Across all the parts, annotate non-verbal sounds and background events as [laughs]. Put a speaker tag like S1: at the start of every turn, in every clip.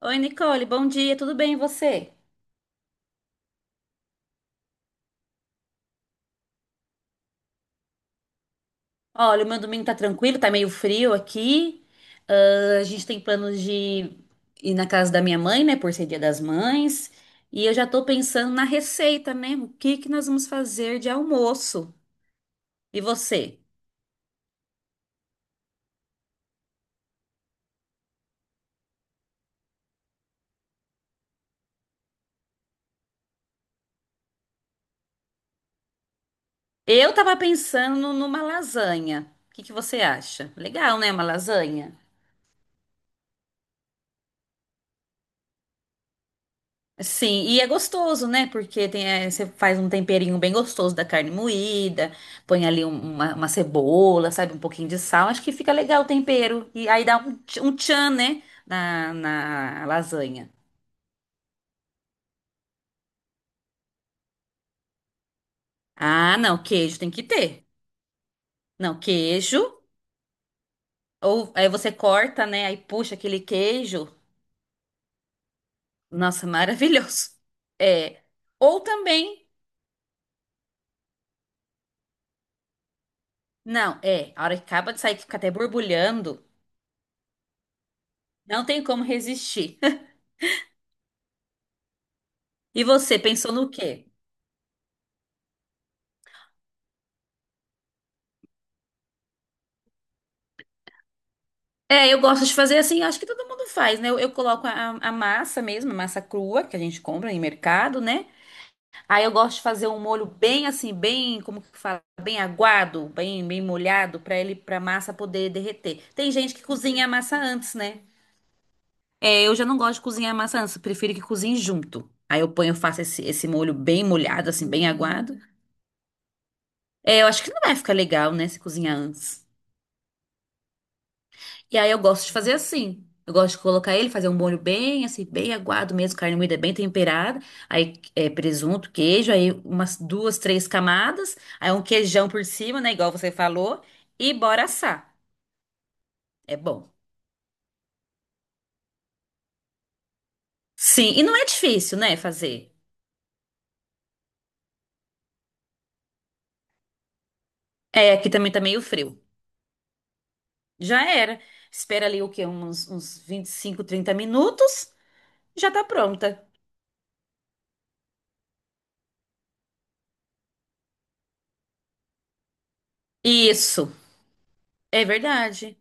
S1: Oi, Nicole, bom dia, tudo bem e você? Olha, o meu domingo tá tranquilo, tá meio frio aqui. Ah, a gente tem planos de ir na casa da minha mãe, né, por ser Dia das Mães. E eu já tô pensando na receita, né? O que que nós vamos fazer de almoço? E você? Eu tava pensando numa lasanha. O que que você acha? Legal, né, uma lasanha? Sim, e é gostoso, né? Porque tem, é, você faz um temperinho bem gostoso da carne moída, põe ali uma cebola, sabe? Um pouquinho de sal. Acho que fica legal o tempero. E aí dá um, um tchan, né? Na lasanha. Ah, não, queijo tem que ter. Não, queijo. Ou aí você corta, né? Aí puxa aquele queijo. Nossa, [laughs] maravilhoso. É. Ou também. Não, é. A hora que acaba de sair, que fica até borbulhando. Não tem como resistir. [laughs] E você pensou no quê? É, eu gosto de fazer assim, acho que todo mundo faz, né? Eu coloco a massa mesmo, a massa crua que a gente compra em mercado, né? Aí eu gosto de fazer um molho bem assim, bem, como que fala? Bem aguado, bem, bem molhado, pra massa poder derreter. Tem gente que cozinha a massa antes, né? É, eu já não gosto de cozinhar a massa antes, eu prefiro que cozinhe junto. Aí eu ponho, eu faço esse molho bem molhado, assim, bem aguado. É, eu acho que não vai ficar legal, né, se cozinhar antes. E aí eu gosto de fazer assim. Eu gosto de colocar ele, fazer um molho bem, assim, bem aguado mesmo, carne moída bem temperada. Aí é, presunto, queijo, aí umas duas, três camadas. Aí um queijão por cima, né? Igual você falou. E bora assar. É bom. Sim, e não é difícil, né, fazer. É, aqui também tá meio frio. Já era. Espera ali o quê? Uns 25 30 minutos. Já tá pronta. Isso. É verdade.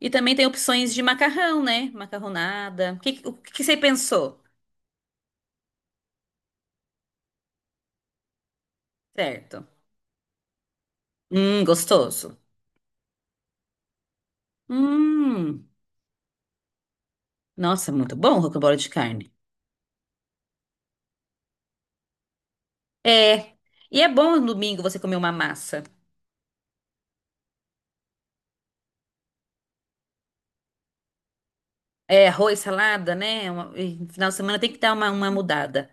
S1: E também tem opções de macarrão, né? Macarronada. O que você pensou? Certo. Gostoso. Hum, nossa, muito bom o rocambole de carne. É. E é bom no domingo você comer uma massa. É, arroz, salada, né? E no final de semana tem que dar uma mudada.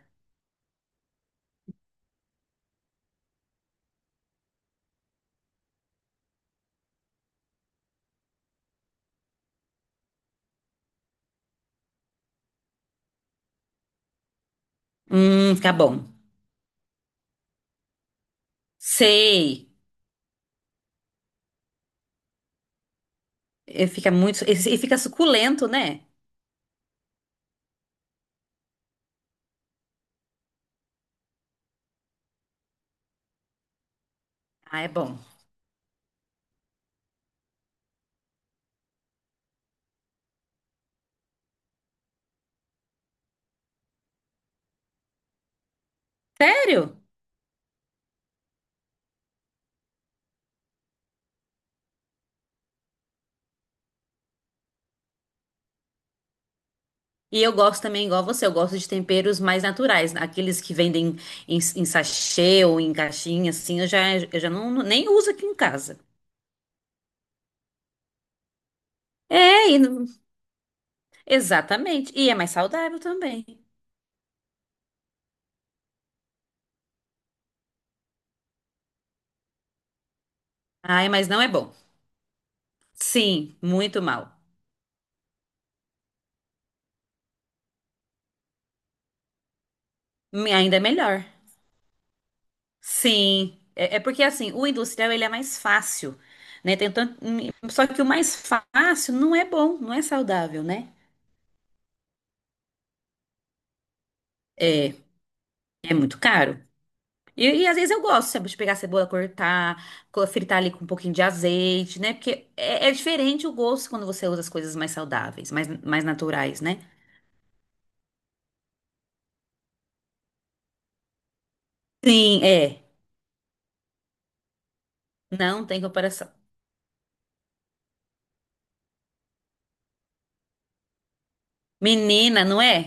S1: Fica bom. Sei. E fica muito. E fica suculento, né? Ah, é bom. Sério? E eu gosto também, igual você, eu gosto de temperos mais naturais, né? Aqueles que vendem em sachê ou em caixinha, assim, eu já não, nem uso aqui em casa. É, exatamente. E é mais saudável também. Ai, mas não é bom. Sim, muito mal. Ainda é melhor. Sim, é porque assim, o industrial ele é mais fácil, né? Tem tanto, só que o mais fácil não é bom, não é saudável, né? É, é muito caro. E às vezes eu gosto, sabe, de pegar a cebola, cortar, fritar ali com um pouquinho de azeite, né? Porque é, é diferente o gosto quando você usa as coisas mais saudáveis, mais, mais naturais, né? Sim, é. Não tem comparação. Menina, não é?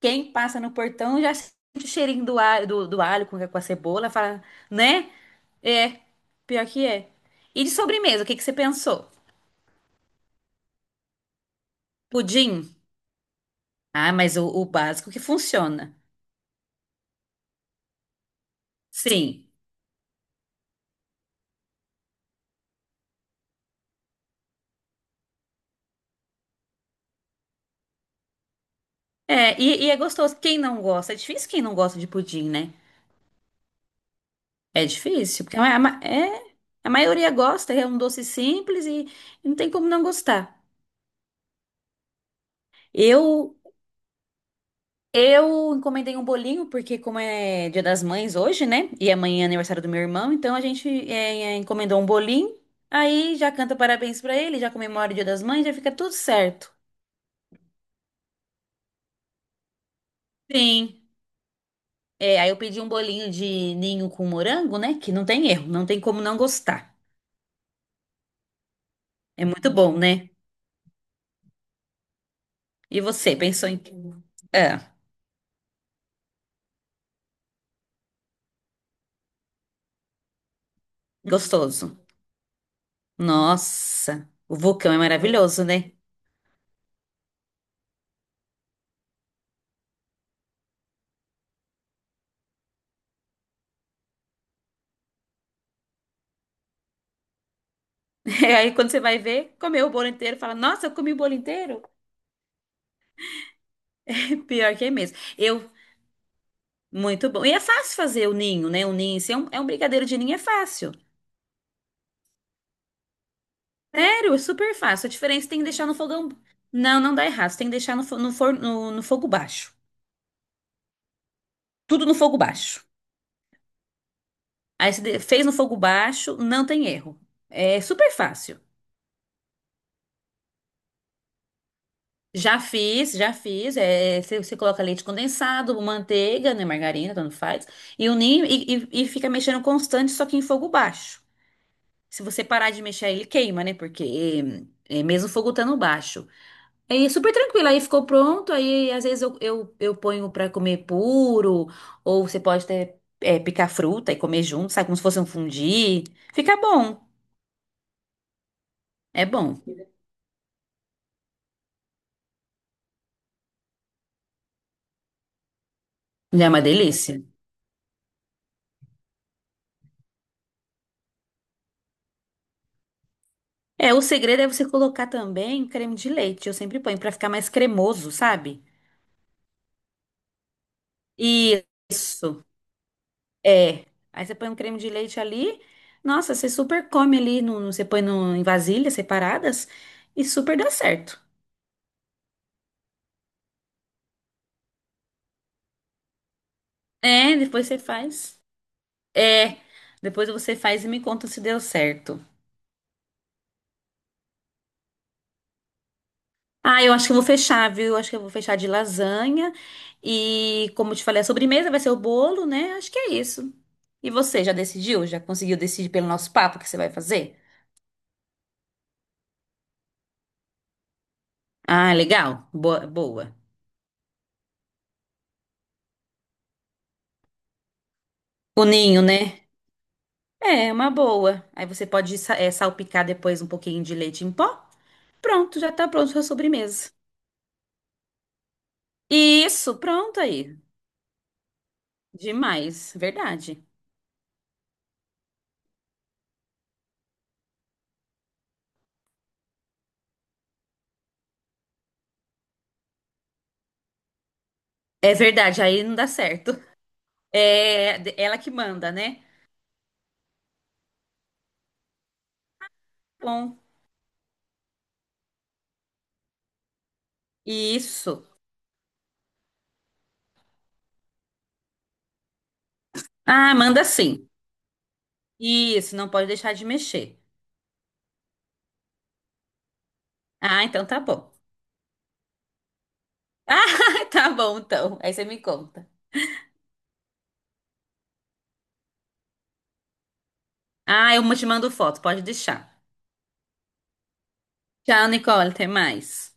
S1: Quem passa no portão já sente o cheirinho do alho, do alho com a cebola, fala, né? É, pior que é. E de sobremesa, o que que você pensou? Pudim? Ah, mas o básico que funciona. Sim. É, e é gostoso. Quem não gosta? É difícil quem não gosta de pudim, né? É difícil, porque a maioria gosta, é um doce simples e não tem como não gostar. Eu eu encomendei um bolinho, porque como é Dia das Mães hoje, né? E amanhã é aniversário do meu irmão, então a gente encomendou um bolinho. Aí já canta parabéns pra ele, já comemora o Dia das Mães, já fica tudo certo. Sim. É, aí eu pedi um bolinho de ninho com morango, né? Que não tem erro, não tem como não gostar. É muito bom, né? E você, pensou em... quê? É, gostoso. Nossa, o vulcão é maravilhoso, né? [laughs] E aí quando você vai ver, comeu o bolo inteiro, fala, nossa, eu comi o bolo inteiro. [laughs] Pior que é mesmo. Eu, muito bom. E é fácil fazer o ninho, né? O ninho, se é um, é um brigadeiro de ninho, é fácil. Sério, é super fácil. A diferença é que tem que deixar no fogão... Não, não dá errado. Você tem que deixar no forno, no fogo baixo. Tudo no fogo baixo. Aí você fez no fogo baixo, não tem erro. É super fácil. Já fiz, já fiz. É, você coloca leite condensado, manteiga, né, margarina, tanto faz, e o ninho e fica mexendo constante, só que em fogo baixo. Se você parar de mexer, ele queima, né? Porque é, é mesmo o fogo estando baixo. É super tranquilo. Aí ficou pronto. Aí às vezes eu ponho pra comer puro, ou você pode até picar fruta e comer junto, sabe? Como se fosse um fondue. Fica bom. É bom. É uma delícia. É, o segredo é você colocar também creme de leite. Eu sempre ponho pra ficar mais cremoso, sabe? Isso. É. Aí você põe um creme de leite ali. Nossa, você super come ali. Você põe no, em vasilhas separadas. E super dá certo. É, depois você faz. É. Depois você faz e me conta se deu certo. Ah, eu acho que eu vou fechar, viu? Eu acho que eu vou fechar de lasanha. E, como eu te falei, a sobremesa vai ser o bolo, né? Acho que é isso. E você, já decidiu? Já conseguiu decidir pelo nosso papo o que você vai fazer? Ah, legal. Boa, boa. O ninho, né? É, uma boa. Aí você pode salpicar depois um pouquinho de leite em pó. Pronto, já tá pronto a sua sobremesa. Isso, pronto aí. Demais, verdade. É verdade, aí não dá certo. É ela que manda, né? Bom, isso. Ah, manda sim. Isso, não pode deixar de mexer. Ah, então tá bom. [laughs] Ah, tá bom então. Aí você me conta. Ah, eu te mando foto, pode deixar. Tchau, Nicole, até mais.